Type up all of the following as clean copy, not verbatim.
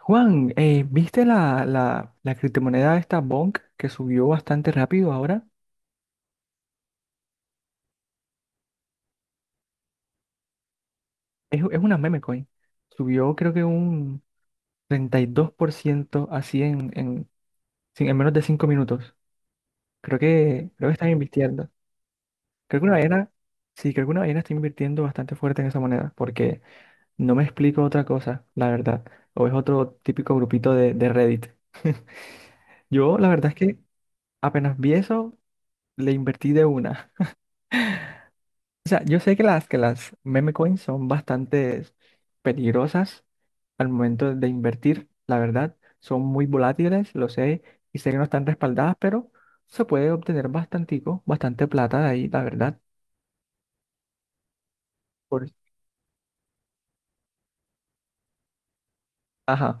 Juan, ¿viste la criptomoneda esta Bonk que subió bastante rápido ahora? Es una meme coin. Subió creo que un 32% así en, sí, en menos de 5 minutos. Creo que están invirtiendo. Creo que una ballena, sí, creo que una ballena está invirtiendo bastante fuerte en esa moneda, porque no me explico otra cosa, la verdad. O es otro típico grupito de Reddit. Yo, la verdad es que apenas vi eso, le invertí de una. O sea, yo sé que las meme coins son bastante peligrosas al momento de invertir, la verdad. Son muy volátiles, lo sé, y sé que no están respaldadas, pero se puede obtener bastante plata de ahí, la verdad. Por. Ajá.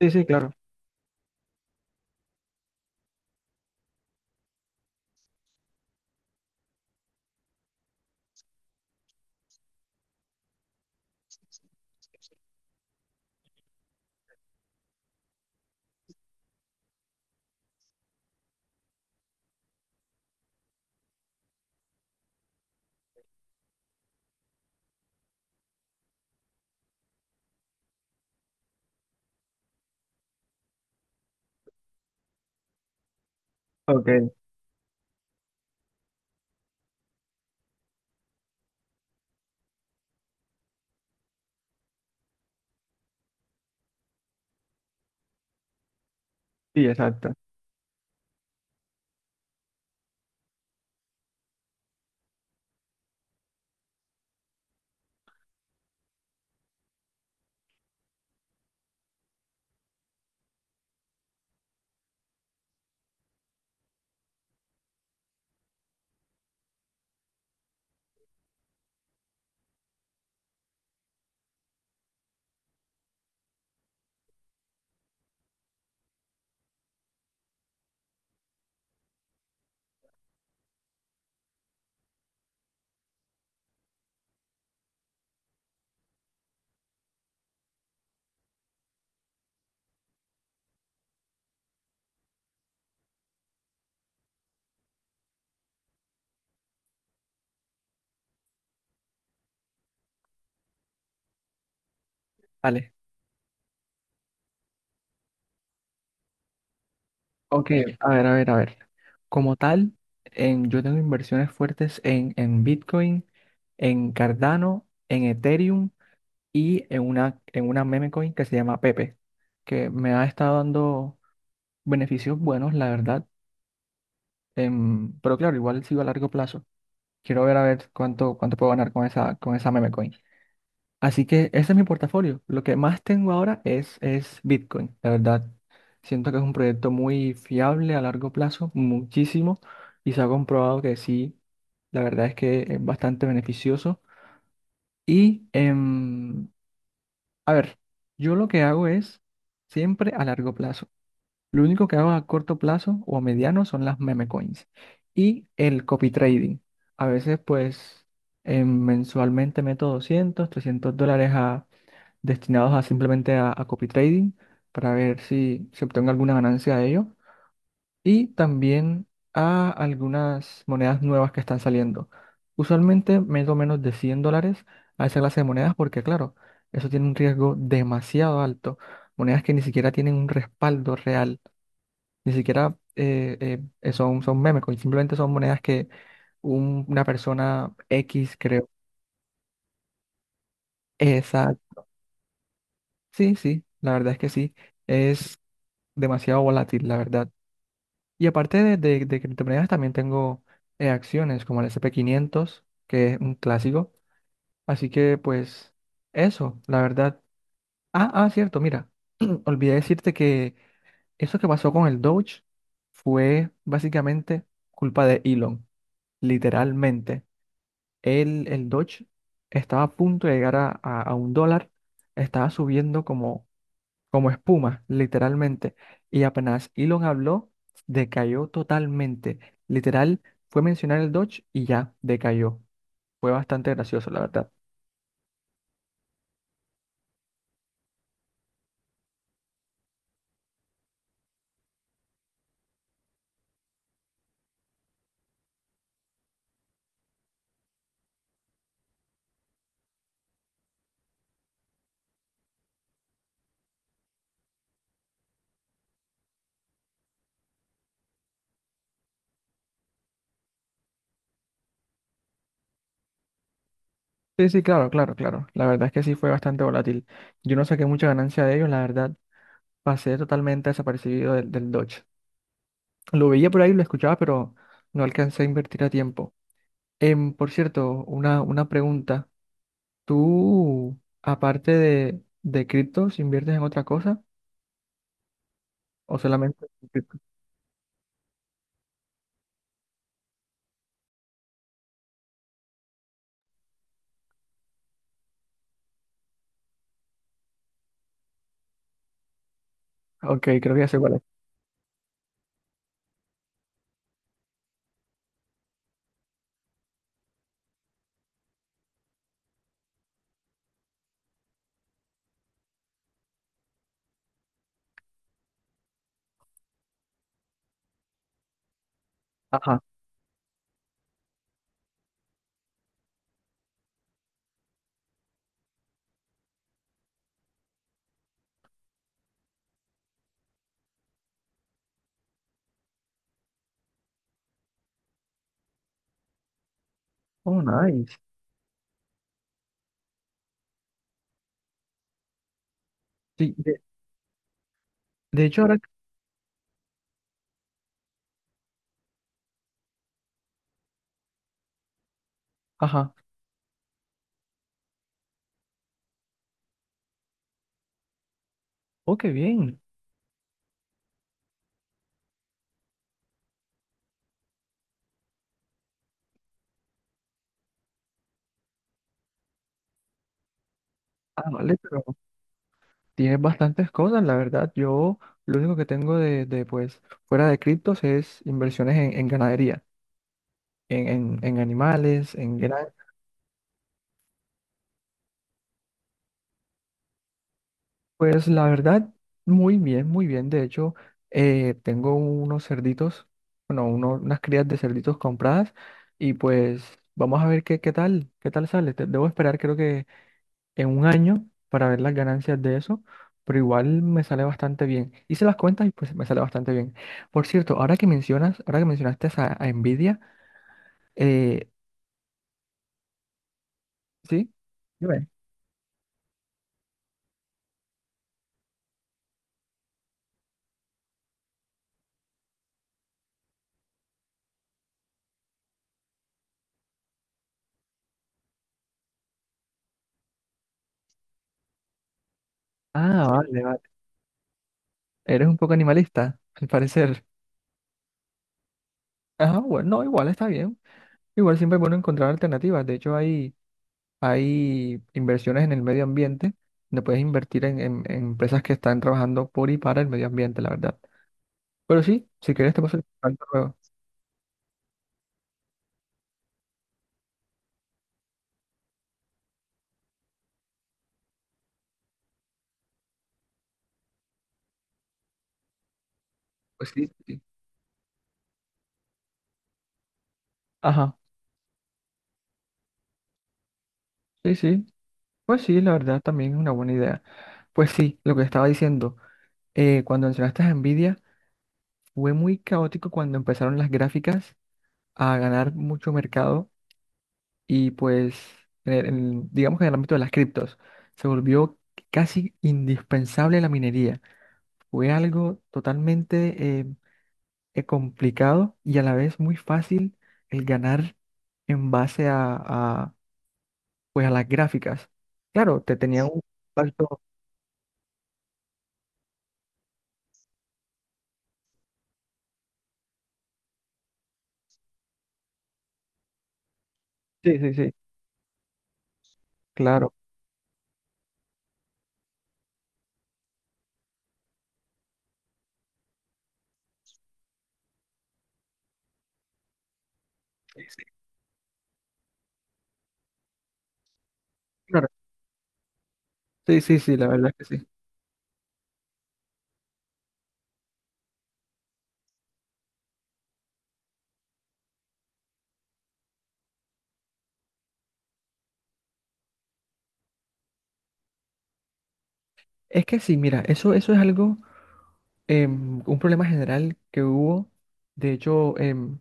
Sí, sí, claro. Ok, sí, exacto. Vale. Ok, a ver, a ver, a ver. Como tal, yo tengo inversiones fuertes en Bitcoin, en Cardano, en Ethereum. Y en una meme coin que se llama Pepe, que me ha estado dando beneficios buenos, la verdad. Pero claro, igual sigo a largo plazo. Quiero ver a ver cuánto puedo ganar con esa meme coin. Así que ese es mi portafolio. Lo que más tengo ahora es Bitcoin, la verdad. Siento que es un proyecto muy fiable a largo plazo, muchísimo, y se ha comprobado que sí, la verdad es que es bastante beneficioso. Y a ver, yo lo que hago es siempre a largo plazo. Lo único que hago a corto plazo o a mediano son las meme coins y el copy trading. A veces, pues, mensualmente meto 200, $300 destinados a simplemente a copy trading, para ver si se obtengo alguna ganancia de ello, y también a algunas monedas nuevas que están saliendo. Usualmente meto menos de $100 a esa clase de monedas, porque claro, eso tiene un riesgo demasiado alto. Monedas que ni siquiera tienen un respaldo real, ni siquiera son meme coins, simplemente son monedas que una persona X creo. Esa, sí, sí, la verdad es que sí, es demasiado volátil, la verdad. Y aparte de criptomonedas, también tengo acciones como el S&P 500, que es un clásico. Así que, pues, eso, la verdad. Ah, ah, cierto, mira, olvidé decirte que eso que pasó con el Doge fue básicamente culpa de Elon, literalmente. El Doge estaba a punto de llegar a $1, estaba subiendo como espuma, literalmente. Y apenas Elon habló, decayó totalmente. Literal, fue mencionar el Dodge y ya decayó. Fue bastante gracioso, la verdad. Sí, sí, claro, claro, claro. La verdad es que sí fue bastante volátil. Yo no saqué mucha ganancia de ellos, la verdad. Pasé totalmente desapercibido del Dodge. Lo veía por ahí, lo escuchaba, pero no alcancé a invertir a tiempo. Por cierto, una pregunta. ¿Tú, aparte de criptos, inviertes en otra cosa? ¿O solamente en cripto? Ok, creo que ya sé cuál es. Ajá. Oh, nice. Sí, de hecho ahora, ajá. Oh, qué bien. Ah, vale, pero tienes bastantes cosas, la verdad. Yo lo único que tengo de pues, fuera de criptos es inversiones en ganadería, en animales, en gran. Pues la verdad, muy bien, muy bien. De hecho, tengo unos cerditos, bueno, unas crías de cerditos compradas, y pues vamos a ver qué tal sale. Debo esperar, creo que en un año para ver las ganancias de eso, pero igual me sale bastante bien. Hice las cuentas y pues me sale bastante bien. Por cierto, ahora que mencionas, ahora que mencionaste a Nvidia. Eh, ¿sí? Dime. Ah, vale, vale. Eres un poco animalista, al parecer. Ajá, bueno, no, igual está bien. Igual siempre es bueno encontrar alternativas. De hecho, hay inversiones en el medio ambiente donde puedes invertir en empresas que están trabajando por y para el medio ambiente, la verdad. Pero sí, si quieres te paso el contacto luego. Pues sí, sí. Ajá. Sí, sí, pues sí, la verdad también es una buena idea. Pues sí, lo que estaba diciendo, cuando mencionaste a Nvidia, fue muy caótico cuando empezaron las gráficas a ganar mucho mercado, y pues, digamos que en el ámbito de las criptos, se volvió casi indispensable la minería. Fue algo totalmente complicado y a la vez muy fácil el ganar en base pues, a las gráficas. Claro, te tenía un impacto. Sí, sí, sí, claro. Sí, claro. Sí, sí, sí, la verdad es que sí. Es que sí, mira, eso es algo, un problema general que hubo. De hecho,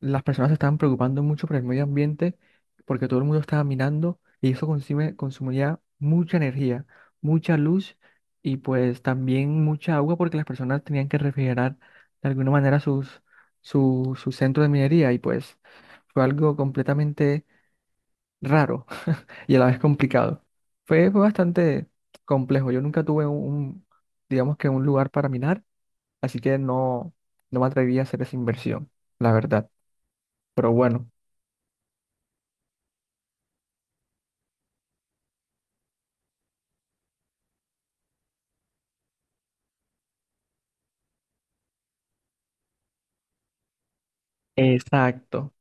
las personas se estaban preocupando mucho por el medio ambiente, porque todo el mundo estaba minando y eso consumía mucha energía, mucha luz, y pues también mucha agua, porque las personas tenían que refrigerar de alguna manera su centro de minería, y pues fue algo completamente raro, y a la vez complicado. Fue bastante complejo. Yo nunca tuve digamos que un lugar para minar, así que no, no me atreví a hacer esa inversión, la verdad. Pero bueno, exacto.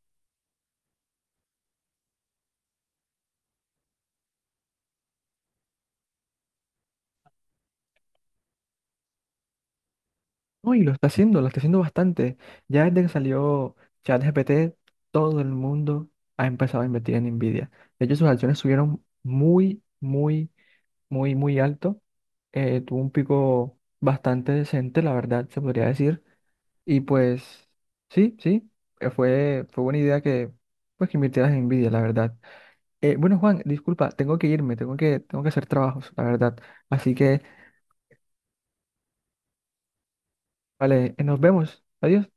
No, y lo está haciendo bastante. Ya desde que salió ChatGPT, todo el mundo ha empezado a invertir en Nvidia. De hecho, sus acciones subieron muy, muy, muy, muy alto. Tuvo un pico bastante decente, la verdad, se podría decir. Y pues, sí, sí, fue buena idea que, pues, que invirtieras en Nvidia, la verdad. Bueno, Juan, disculpa, tengo que irme, tengo que hacer trabajos, la verdad. Así que, vale, nos vemos. Adiós.